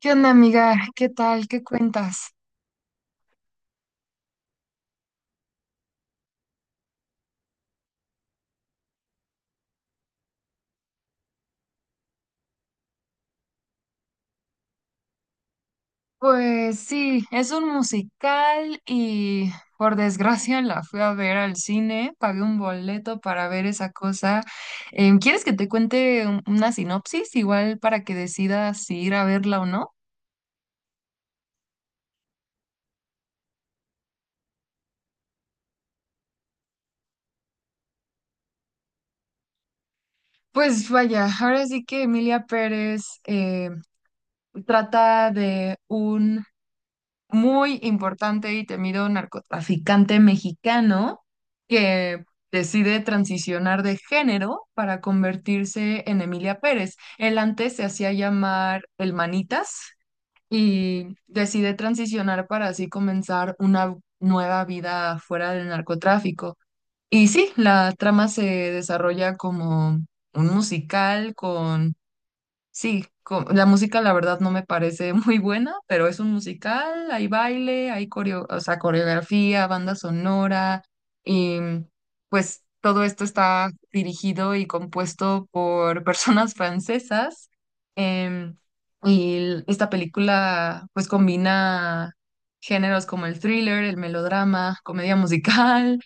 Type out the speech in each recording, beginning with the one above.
¿Qué onda, amiga? ¿Qué tal? ¿Qué cuentas? Pues sí, es un musical y por desgracia la fui a ver al cine, pagué un boleto para ver esa cosa. ¿Quieres que te cuente una sinopsis igual para que decidas si ir a verla o no? Pues vaya, ahora sí que Emilia Pérez trata de un muy importante y temido narcotraficante mexicano que decide transicionar de género para convertirse en Emilia Pérez. Él antes se hacía llamar El Manitas y decide transicionar para así comenzar una nueva vida fuera del narcotráfico. Y sí, la trama se desarrolla como un musical con... Sí, la música la verdad no me parece muy buena, pero es un musical, hay baile, hay o sea, coreografía, banda sonora, y pues todo esto está dirigido y compuesto por personas francesas. em, esta película pues combina géneros como el thriller, el melodrama, comedia musical.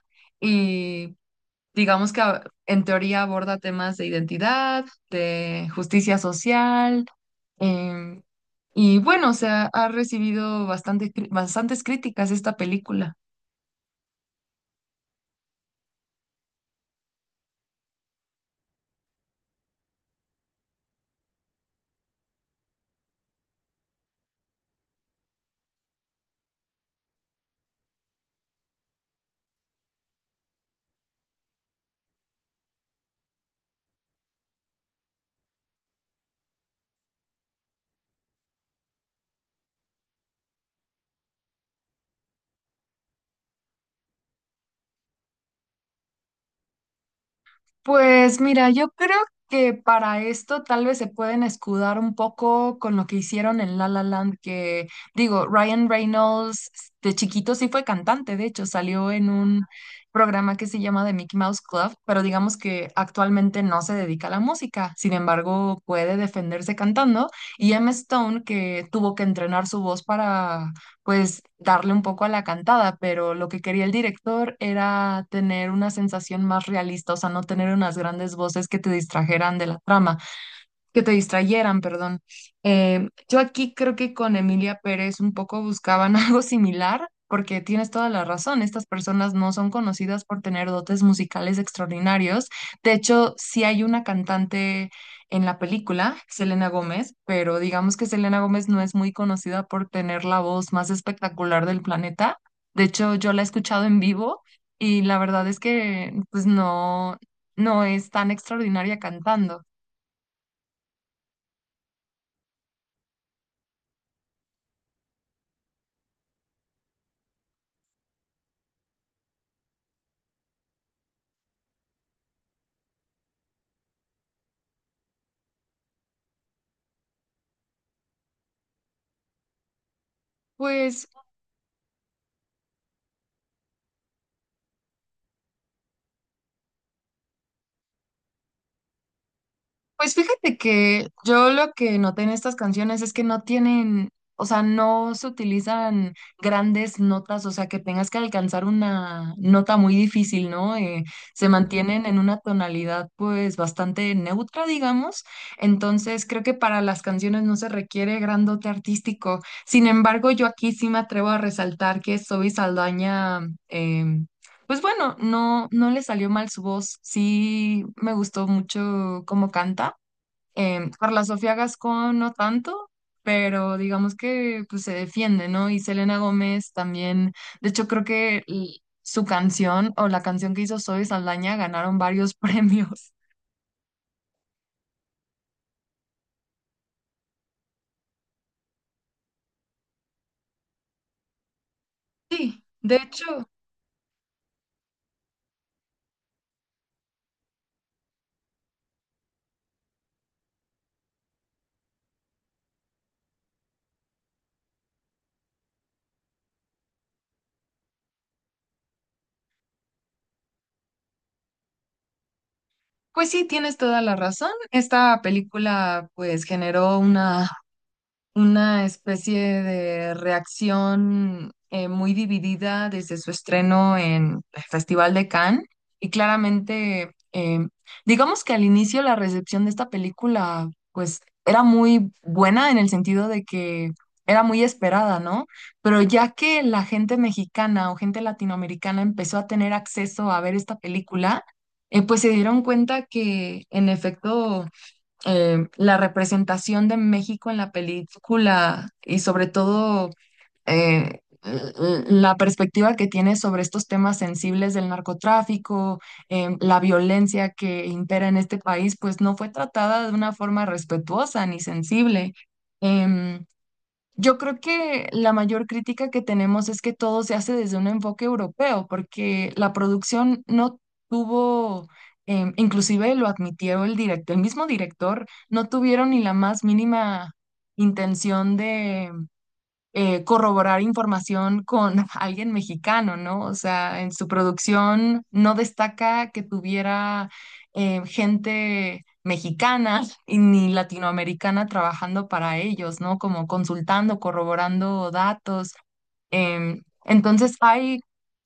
Digamos que en teoría aborda temas de identidad, de justicia social, em, y bueno, o sea, ha recibido bastante, bastantes críticas esta película. Pues mira, yo creo que para esto tal vez se pueden escudar un poco con lo que hicieron en La La Land, que digo, Ryan Reynolds de chiquito sí fue cantante, de hecho salió en un programa que se llama The Mickey Mouse Club, pero digamos que actualmente no se dedica a la música, sin embargo puede defenderse cantando, y Emma Stone, que tuvo que entrenar su voz para pues darle un poco a la cantada, pero lo que quería el director era tener una sensación más realista, o sea, no tener unas grandes voces que te distrajeran de la trama, que te distrayeran, perdón. Yo aquí creo que con Emilia Pérez un poco buscaban algo similar, porque tienes toda la razón, estas personas no son conocidas por tener dotes musicales extraordinarios. De hecho, sí hay una cantante en la película, Selena Gómez, pero digamos que Selena Gómez no es muy conocida por tener la voz más espectacular del planeta. De hecho, yo la he escuchado en vivo y la verdad es que pues no, no es tan extraordinaria cantando. Pues Pues fíjate que yo lo que noté en estas canciones es que no tienen, o sea, no se utilizan grandes notas, o sea, que tengas que alcanzar una nota muy difícil, ¿no? Se mantienen en una tonalidad pues bastante neutra, digamos. Entonces, creo que para las canciones no se requiere gran dote artístico. Sin embargo, yo aquí sí me atrevo a resaltar que Zoe Saldaña... pues bueno, no, no le salió mal su voz, sí me gustó mucho cómo canta. Carla Sofía Gascón no tanto, pero digamos que pues, se defiende, ¿no? Y Selena Gómez también, de hecho creo que su canción o la canción que hizo Zoe Saldaña ganaron varios premios. Sí, de hecho, pues sí, tienes toda la razón. Esta película pues generó una especie de reacción muy dividida desde su estreno en el Festival de Cannes. Y claramente, digamos que al inicio la recepción de esta película, pues era muy buena en el sentido de que era muy esperada, ¿no? Pero ya que la gente mexicana o gente latinoamericana empezó a tener acceso a ver esta película, pues se dieron cuenta que en efecto la representación de México en la película y sobre todo la perspectiva que tiene sobre estos temas sensibles del narcotráfico, la violencia que impera en este país, pues no fue tratada de una forma respetuosa ni sensible. Em, yo creo que la mayor crítica que tenemos es que todo se hace desde un enfoque europeo, porque la producción no tuvo, inclusive lo admitió el director, el mismo director, no tuvieron ni la más mínima intención corroborar información con alguien mexicano, ¿no? O sea, en su producción no destaca que tuviera gente mexicana y ni latinoamericana trabajando para ellos, ¿no? Como consultando, corroborando datos. Entonces hay,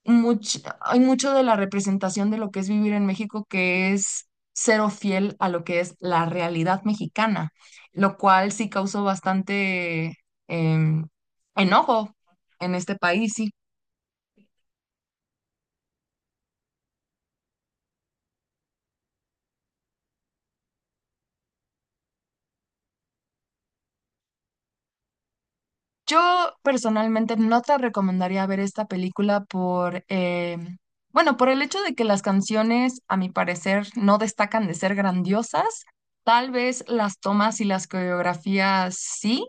hay mucho de la representación de lo que es vivir en México que es cero fiel a lo que es la realidad mexicana, lo cual sí causó bastante em, enojo en este país. Sí. Yo personalmente no te recomendaría ver esta película por, bueno, por el hecho de que las canciones, a mi parecer, no destacan de ser grandiosas. Tal vez las tomas y las coreografías sí.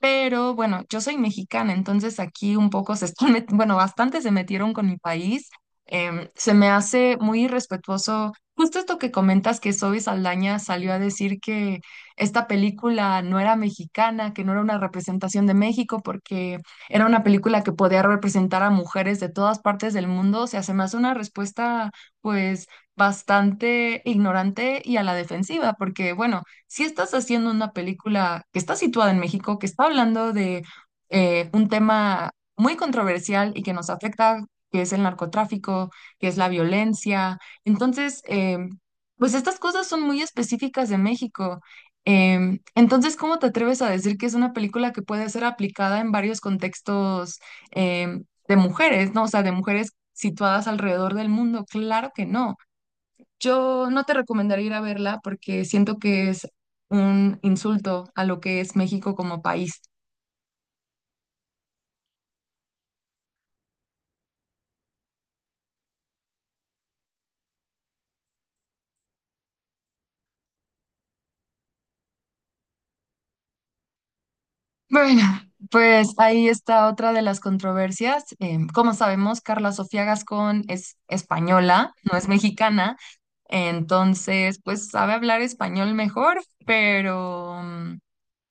Pero bueno, yo soy mexicana, entonces aquí un poco se están, bueno, bastante se metieron con mi país. Se me hace muy irrespetuoso. Justo esto que comentas que Zoe Saldaña salió a decir que esta película no era mexicana, que no era una representación de México, porque era una película que podía representar a mujeres de todas partes del mundo. O sea, se me hace una respuesta, pues, bastante ignorante y a la defensiva, porque bueno, si estás haciendo una película que está situada en México, que está hablando de un tema muy controversial y que nos afecta, que es el narcotráfico, que es la violencia, entonces, pues estas cosas son muy específicas de México. Entonces, ¿cómo te atreves a decir que es una película que puede ser aplicada en varios contextos de mujeres, ¿no? O sea, de mujeres situadas alrededor del mundo. Claro que no. Yo no te recomendaría ir a verla porque siento que es un insulto a lo que es México como país. Bueno, pues ahí está otra de las controversias. Como sabemos, Carla Sofía Gascón es española, no es mexicana, entonces pues sabe hablar español mejor, pero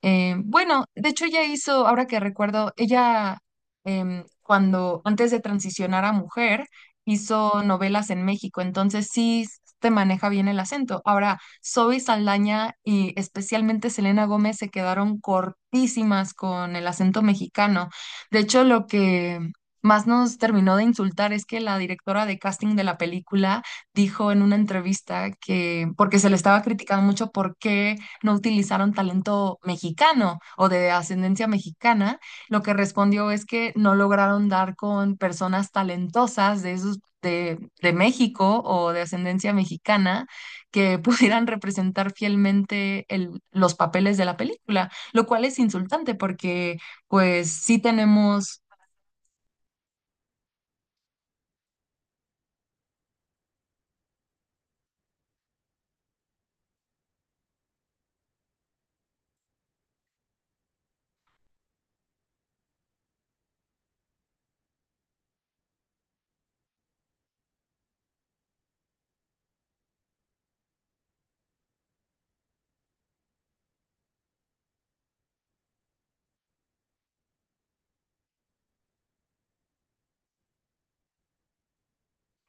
Bueno, de hecho ella hizo, ahora que recuerdo, ella cuando antes de transicionar a mujer hizo novelas en México, entonces sí te maneja bien el acento. Ahora, Zoe Saldaña y especialmente Selena Gómez se quedaron cortísimas con el acento mexicano. De hecho, lo que más nos terminó de insultar es que la directora de casting de la película dijo en una entrevista que, porque se le estaba criticando mucho porque no utilizaron talento mexicano o de ascendencia mexicana, lo que respondió es que no lograron dar con personas talentosas de esos de México o de ascendencia mexicana que pudieran representar fielmente los papeles de la película, lo cual es insultante porque pues sí tenemos,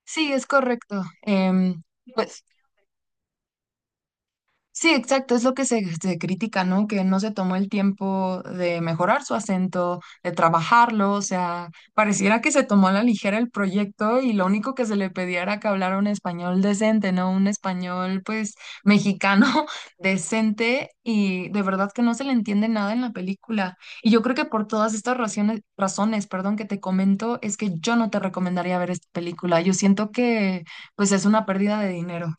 sí, es correcto. Pues sí, exacto, es lo que se critica, ¿no? Que no se tomó el tiempo de mejorar su acento, de trabajarlo, o sea, pareciera que se tomó a la ligera el proyecto y lo único que se le pedía era que hablara un español decente, ¿no? Un español, pues, mexicano decente y de verdad que no se le entiende nada en la película. Y yo creo que por todas estas razones, perdón, que te comento, es que yo no te recomendaría ver esta película. Yo siento que, pues, es una pérdida de dinero.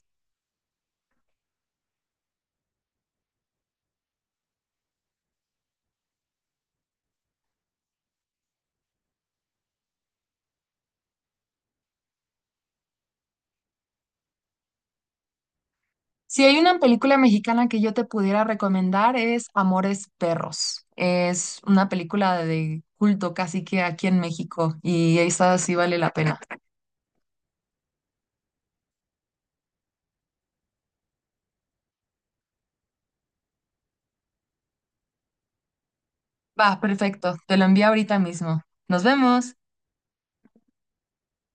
Si hay una película mexicana que yo te pudiera recomendar es Amores Perros. Es una película de culto casi que aquí en México y esa sí vale la pena. Va, perfecto. Te lo envío ahorita mismo. Nos vemos.